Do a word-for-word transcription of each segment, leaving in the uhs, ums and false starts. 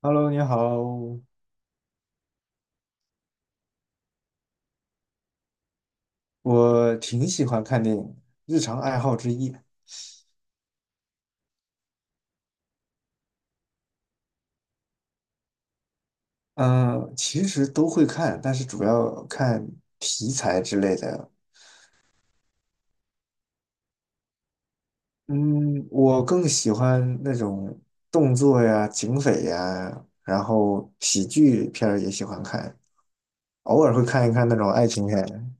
Hello，你好，我挺喜欢看电影的，日常爱好之一。嗯，其实都会看，但是主要看题材之类的。嗯，我更喜欢那种动作呀、警匪呀，然后喜剧片儿也喜欢看，偶尔会看一看那种爱情片。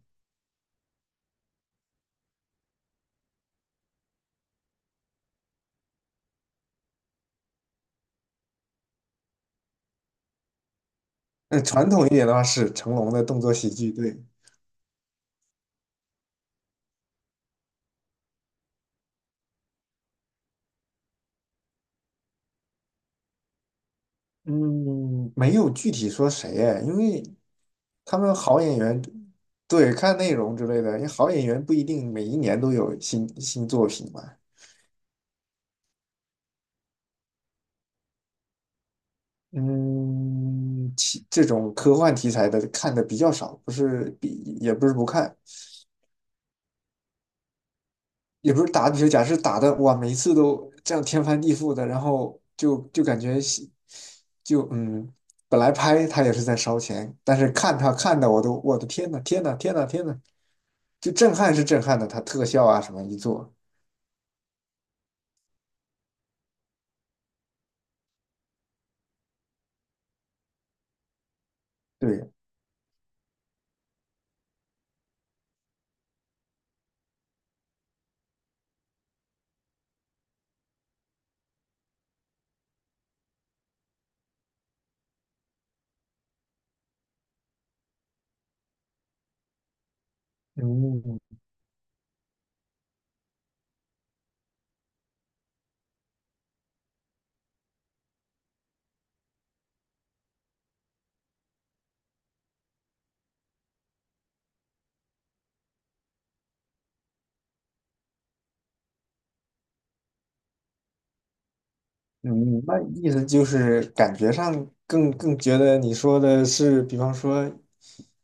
那传统一点的话是成龙的动作喜剧，对。嗯，没有具体说谁哎，因为他们好演员，对，看内容之类的，因为好演员不一定每一年都有新新作品嘛。嗯，其这种科幻题材的看的比较少，不是比也不是不看，也不是打比如假设打的哇，每一次都这样天翻地覆的，然后就就感觉喜就嗯，本来拍他也是在烧钱，但是看他看的我都我的天呐天呐天呐天呐，就震撼是震撼的，它特效啊什么一做，对。嗯，嗯，那意思就是感觉上更更觉得你说的是，比方说，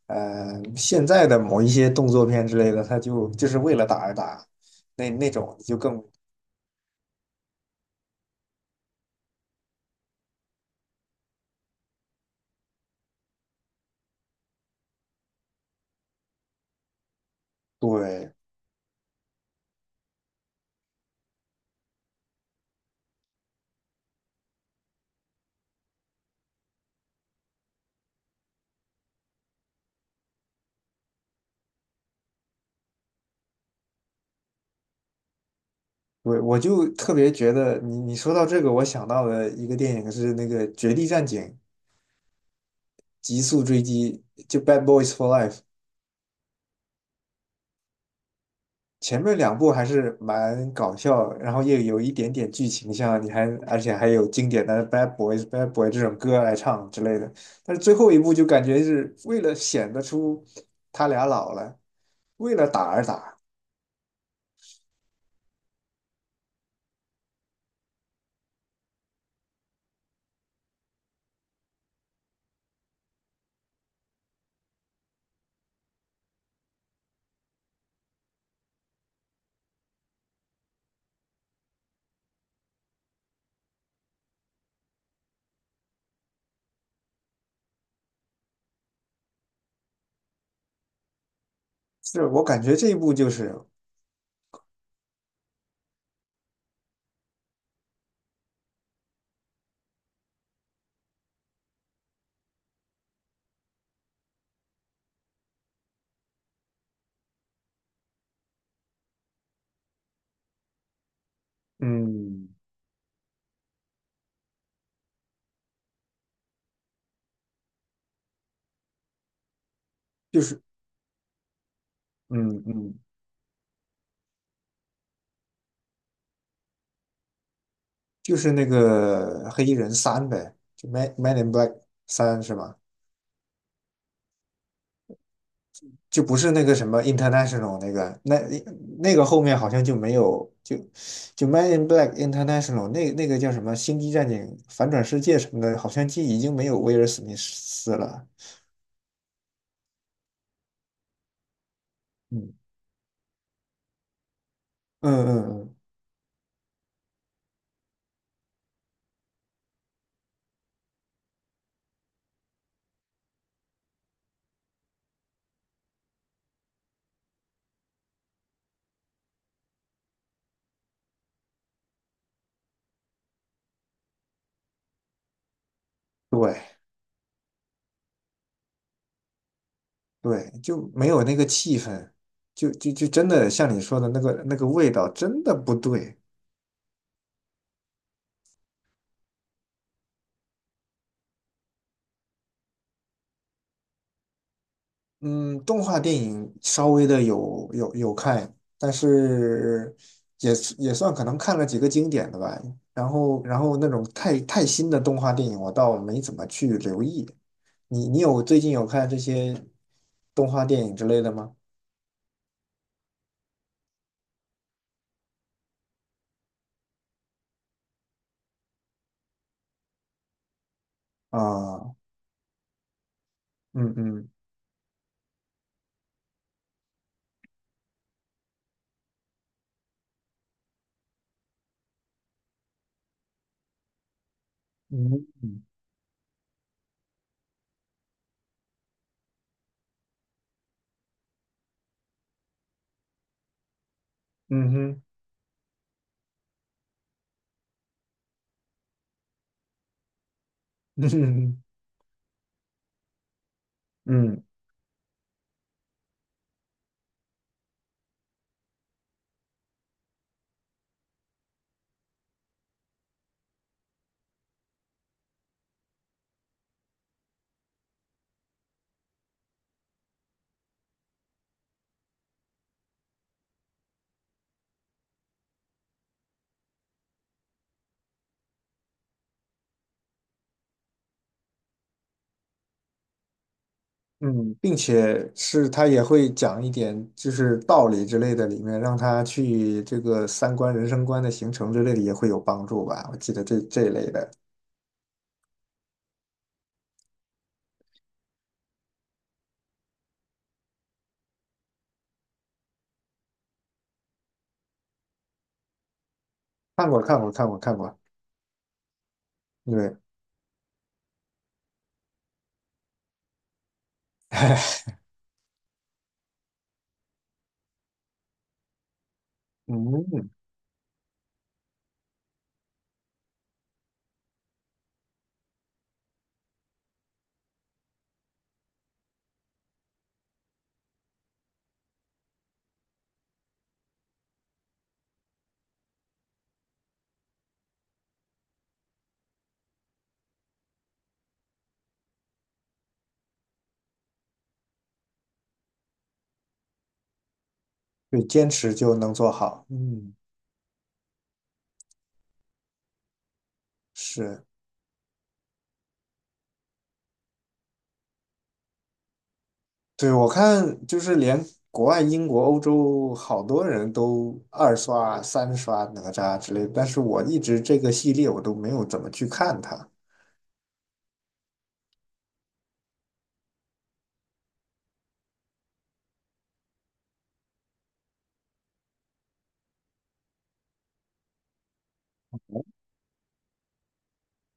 呃，现在的某一些动作片之类的，它就就是为了打而打，那那种就更对。我我就特别觉得你你说到这个，我想到了一个电影是那个《绝地战警：极速追击》，就《Bad Boys for Life》。前面两部还是蛮搞笑，然后又有一点点剧情，像你还而且还有经典的《Bad Boys》《Bad Boy》这种歌来唱之类的。但是最后一部就感觉是为了显得出他俩老了，为了打而打。是，我感觉这一部就是，嗯，就是嗯嗯，就是那个黑衣人三呗，就《Man Man in Black 三》是吗？就不是那个什么 international 那个，那那个后面好像就没有，就就 Man in Black International 那那个叫什么《星际战警：反转世界》什么的，好像就已经没有威尔史密斯了。嗯嗯嗯嗯，对对，就没有那个气氛，就就就真的像你说的那个那个味道，真的不对。嗯，动画电影稍微的有有有看，但是也是也算可能看了几个经典的吧。然后然后那种太太新的动画电影，我倒没怎么去留意。你你有最近有看这些动画电影之类的吗？啊，嗯嗯嗯嗯哼，嗯哼，嗯嗯嗯，并且是他也会讲一点就是道理之类的，里面让他去这个三观、人生观的形成之类的也会有帮助吧。我记得这这一类的，看过，看过，看过，看过。对，嗯，对，坚持就能做好。嗯，是，对，我看就是连国外英国、欧洲好多人都二刷、三刷哪吒之类的，但是我一直这个系列我都没有怎么去看它。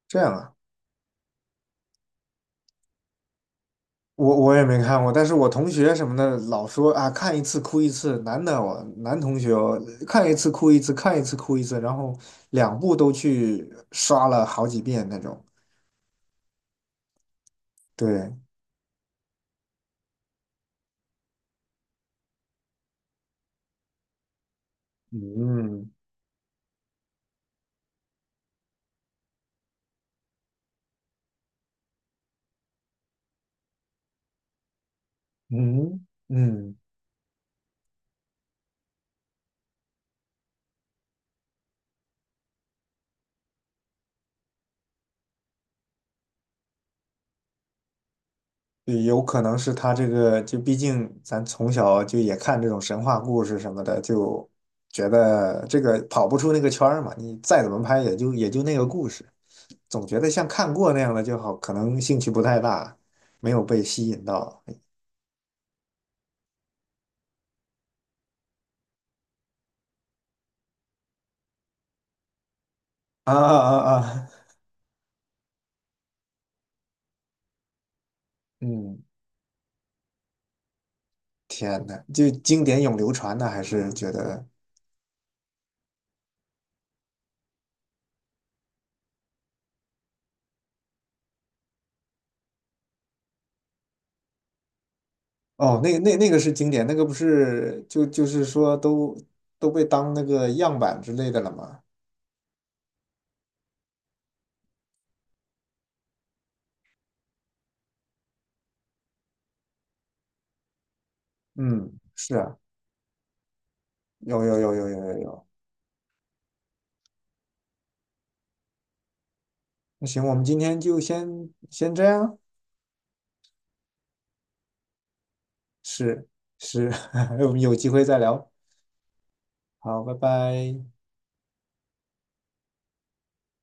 这样啊。我我也没看过，但是我同学什么的老说啊，看一次哭一次，男的我男同学哦，看一次哭一次，看一次哭一次，然后两部都去刷了好几遍那种。对，嗯嗯嗯，对有可能是他这个，就毕竟咱从小就也看这种神话故事什么的，就觉得这个跑不出那个圈儿嘛，你再怎么拍也就也就那个故事。总觉得像看过那样的就好，可能兴趣不太大，没有被吸引到。啊啊啊！啊嗯，天呐，就经典永流传的，还是觉得哦，那个那那个是经典，那个不是就就是说都都被当那个样板之类的了吗？嗯，是啊，有有有有有有有。那行，我们今天就先先这样，是是，我们有机会再聊。好，拜拜。